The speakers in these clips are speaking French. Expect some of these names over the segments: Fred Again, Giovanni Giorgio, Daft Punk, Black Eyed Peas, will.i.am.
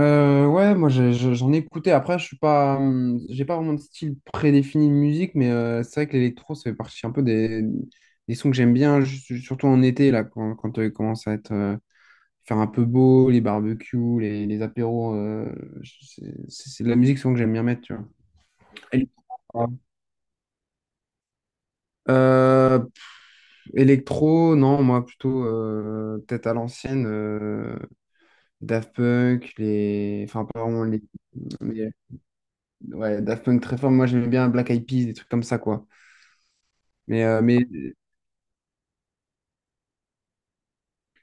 Ouais, moi j'en ai écouté. Après, je suis pas, j'ai pas vraiment de style prédéfini de musique, mais c'est vrai que l'électro, ça fait partie un peu des sons que j'aime bien, surtout en été, là, quand il commence à être, faire un peu beau, les barbecues, les apéros. C'est c'est de la musique souvent que j'aime bien mettre, tu vois. Électro, euh, Électro, non, moi plutôt peut-être à l'ancienne, Daft Punk, les, enfin pas vraiment les. Ouais, Daft Punk très fort. Moi, j'aimais bien Black Eyed Peas, des trucs comme ça, quoi. Mais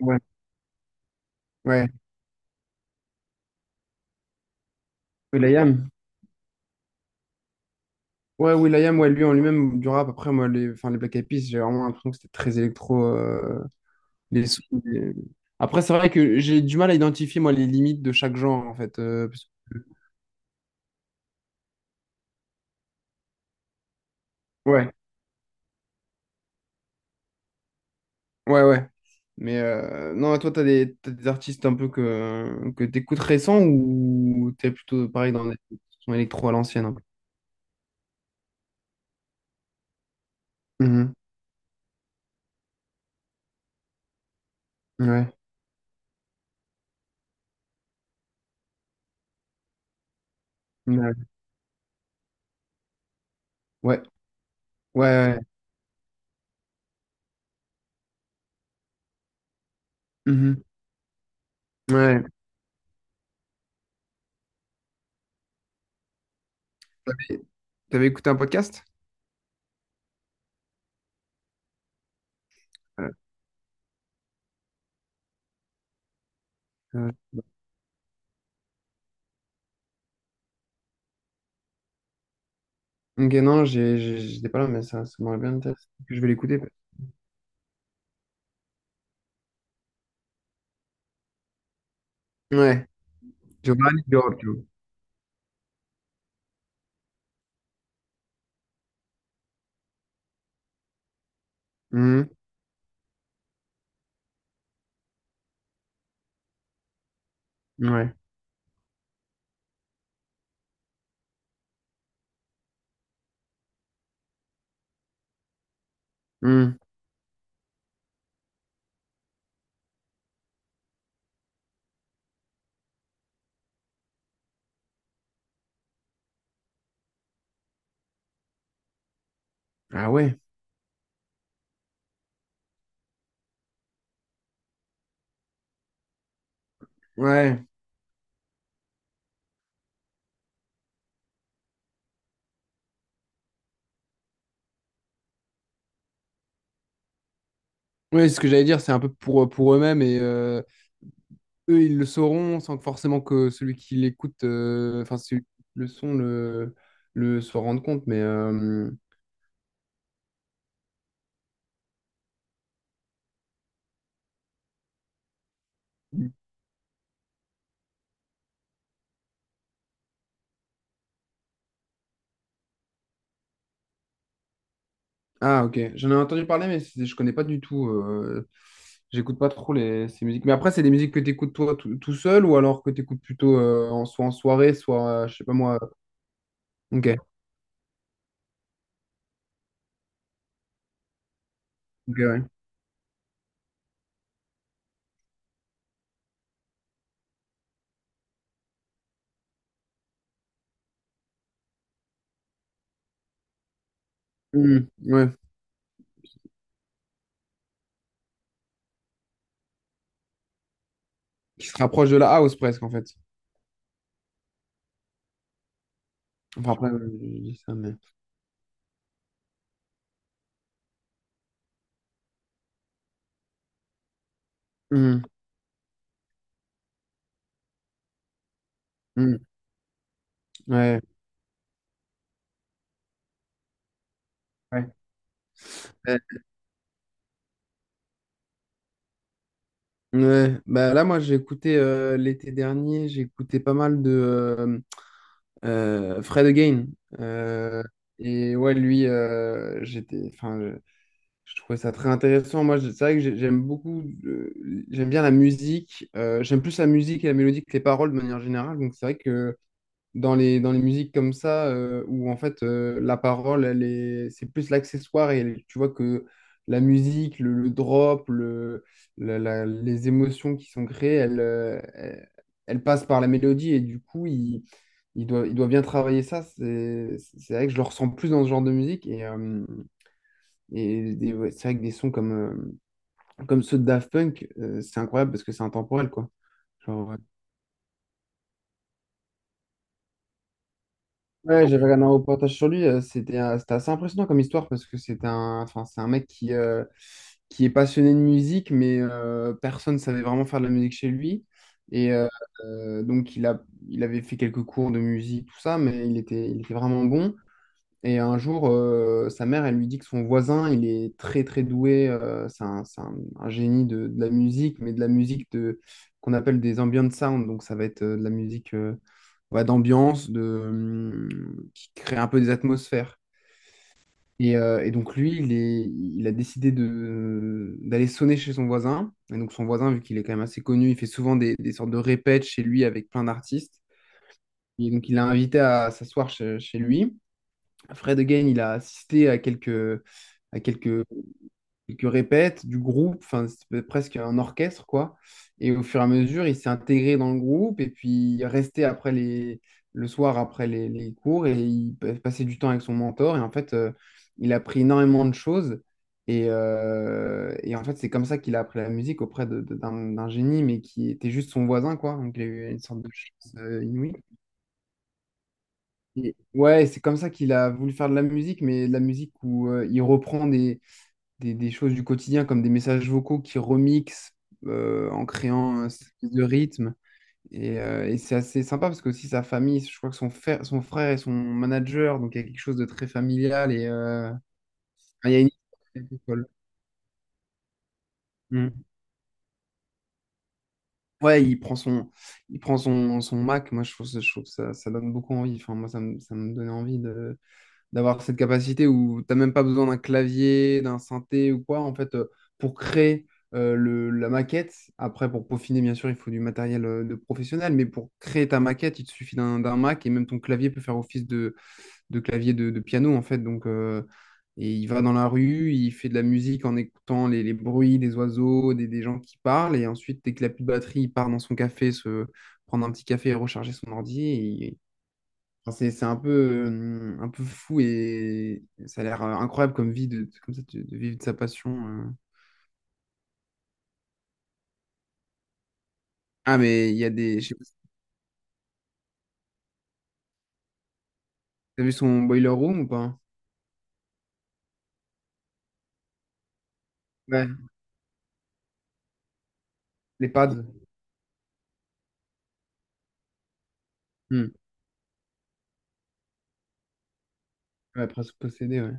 ouais, ouais. Will.i.am. Ouais, will.i.am, ouais, lui en lui-même, du rap. Après, moi, les, enfin, les Black Eyed Peas, j'ai vraiment l'impression que c'était très électro. Les sons, après, c'est vrai que j'ai du mal à identifier, moi, les limites de chaque genre, en fait. Ouais, ouais, ouais. Mais non, toi, t'as des artistes un peu que t'écoutes récents, ou t'es plutôt pareil dans des sons électro à l'ancienne, un peu. Mhm. Ouais. Ouais. Ouais. Ouais. Ouais. Ouais. T'avais t'avais écouté un podcast? Ouais. Euh, ok, non, j'étais pas là, mais ça m'aurait bien intéressé. Je vais l'écouter. Ouais. Giovanni Giorgio. Mhm. Ouais. Mhm. Ah ouais. Ouais. Ouais, ce que j'allais dire, c'est un peu pour eux-mêmes et eux, ils le sauront sans que forcément que celui qui l'écoute, enfin, celui qui écoute le son, le s'en rende compte. Mais, euh. Ah, ok. J'en ai entendu parler, mais je connais pas du tout. J'écoute pas trop les, ces musiques. Mais après, c'est des musiques que tu écoutes toi tout seul, ou alors que tu écoutes plutôt en, soit en soirée, soit, je sais pas moi. Ok. Ok, ouais. Hmm, ouais. Qui se rapproche de la house presque, en fait. Enfin, après, je dis ça, mais. Hmm, hmm, ouais. Ouais. Ouais. Ouais. Bah, là, moi, j'ai écouté l'été dernier, j'ai écouté pas mal de Fred Again. Euh, et ouais, lui, j'étais. Enfin, je trouvais ça très intéressant. Moi, c'est vrai que j'aime beaucoup, j'aime bien la musique. J'aime plus la musique et la mélodie que les paroles de manière générale. Donc, c'est vrai que dans les musiques comme ça, où en fait la parole, elle est, c'est plus l'accessoire, et tu vois que la musique, le drop, le, les émotions qui sont créées, elles, elles, elles passent par la mélodie, et du coup, il, il doit bien travailler ça. C'est vrai que je le ressens plus dans ce genre de musique. Et ouais, c'est vrai que des sons comme, comme ceux de Daft Punk, c'est incroyable parce que c'est intemporel, quoi. Genre, ouais, ouais, j'avais regardé un reportage sur lui, c'était c'était assez impressionnant comme histoire, parce que c'est un, enfin, c'est un mec qui est passionné de musique, mais personne ne savait vraiment faire de la musique chez lui. Et donc, il avait fait quelques cours de musique, tout ça, mais il était vraiment bon. Et un jour, sa mère, elle lui dit que son voisin, il est très très doué, c'est un, un génie de la musique, mais de la musique de, qu'on appelle des ambient sound, donc ça va être de la musique ouais, d'ambiance, de, qui crée un peu des atmosphères. Et donc lui, il a décidé de, d'aller sonner chez son voisin. Et donc son voisin, vu qu'il est quand même assez connu, il fait souvent des sortes de répètes chez lui avec plein d'artistes. Et donc il l'a invité à s'asseoir chez lui. Fred Again, il a assisté à quelques, quelques répètes du groupe, enfin, c'était presque un orchestre, quoi. Et au fur et à mesure, il s'est intégré dans le groupe, et puis il est resté après les, le soir après les cours, et il passait du temps avec son mentor. Et en fait, il a appris énormément de choses. Et en fait, c'est comme ça qu'il a appris la musique auprès d'un génie, mais qui était juste son voisin, quoi. Donc, il a eu une sorte de chance inouïe. Ouais, c'est comme ça qu'il a voulu faire de la musique, mais de la musique où il reprend des choses du quotidien, comme des messages vocaux qu'il remixe en créant un espèce de rythme. Et c'est assez sympa parce que aussi sa famille, je crois que son frère est son manager, donc il y a quelque chose de très familial, et enfin, il y a une histoire folle. Mm. Ouais, son Mac. Moi, je trouve, je trouve que ça donne beaucoup envie. Enfin, moi, ça me donnait envie de d'avoir cette capacité où t'as même pas besoin d'un clavier, d'un synthé ou quoi, en fait, pour créer le, la maquette. Après, pour peaufiner, bien sûr, il faut du matériel de professionnel, mais pour créer ta maquette, il te suffit d'un Mac, et même ton clavier peut faire office de clavier de piano, en fait. Donc, et il va dans la rue, il fait de la musique en écoutant les bruits des oiseaux, des gens qui parlent, et ensuite, dès qu'il a plus de batterie, il part dans son café, se prendre un petit café et recharger son ordi. Et enfin, c'est un peu fou, et ça a l'air incroyable comme vie de, comme ça, de vivre de sa passion. Euh. Ah, mais il y a des. Je sais pas si t'as vu son boiler room ou pas? Ouais, les pads. Hmm. Ouais, presque possédé, ouais.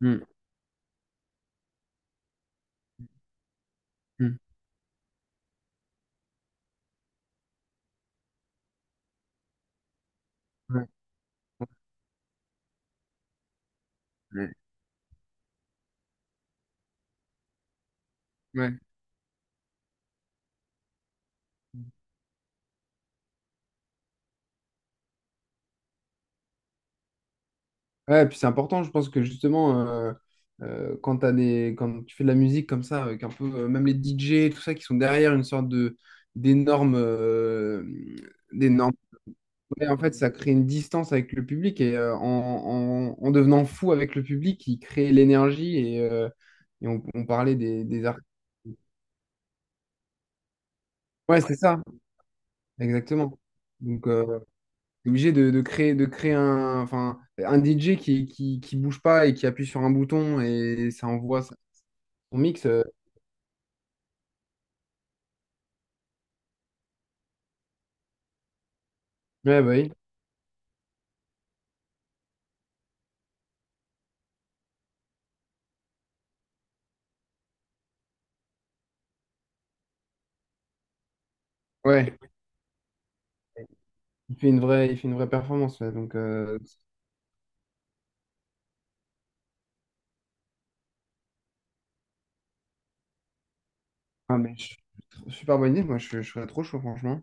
Hmm. Hmm. Ouais. Ouais. Ouais. Ouais, puis c'est important, je pense que justement, quand t'as des, quand tu fais de la musique comme ça, avec un peu, même les DJ, tout ça, qui sont derrière une sorte de d'énormes euh. Mais en fait, ça crée une distance avec le public, et en devenant fou avec le public, il crée l'énergie, et on parlait des artistes. Ouais, c'est ça, exactement. Donc, t'es obligé de, de créer un, enfin, un DJ qui bouge pas et qui appuie sur un bouton et ça envoie ça. On mixe. Euh, ouais, bah oui. Ouais, il fait une vraie performance. Ouais. Donc, ah, mais je- super bonne idée. Moi, je serais trop chaud, franchement.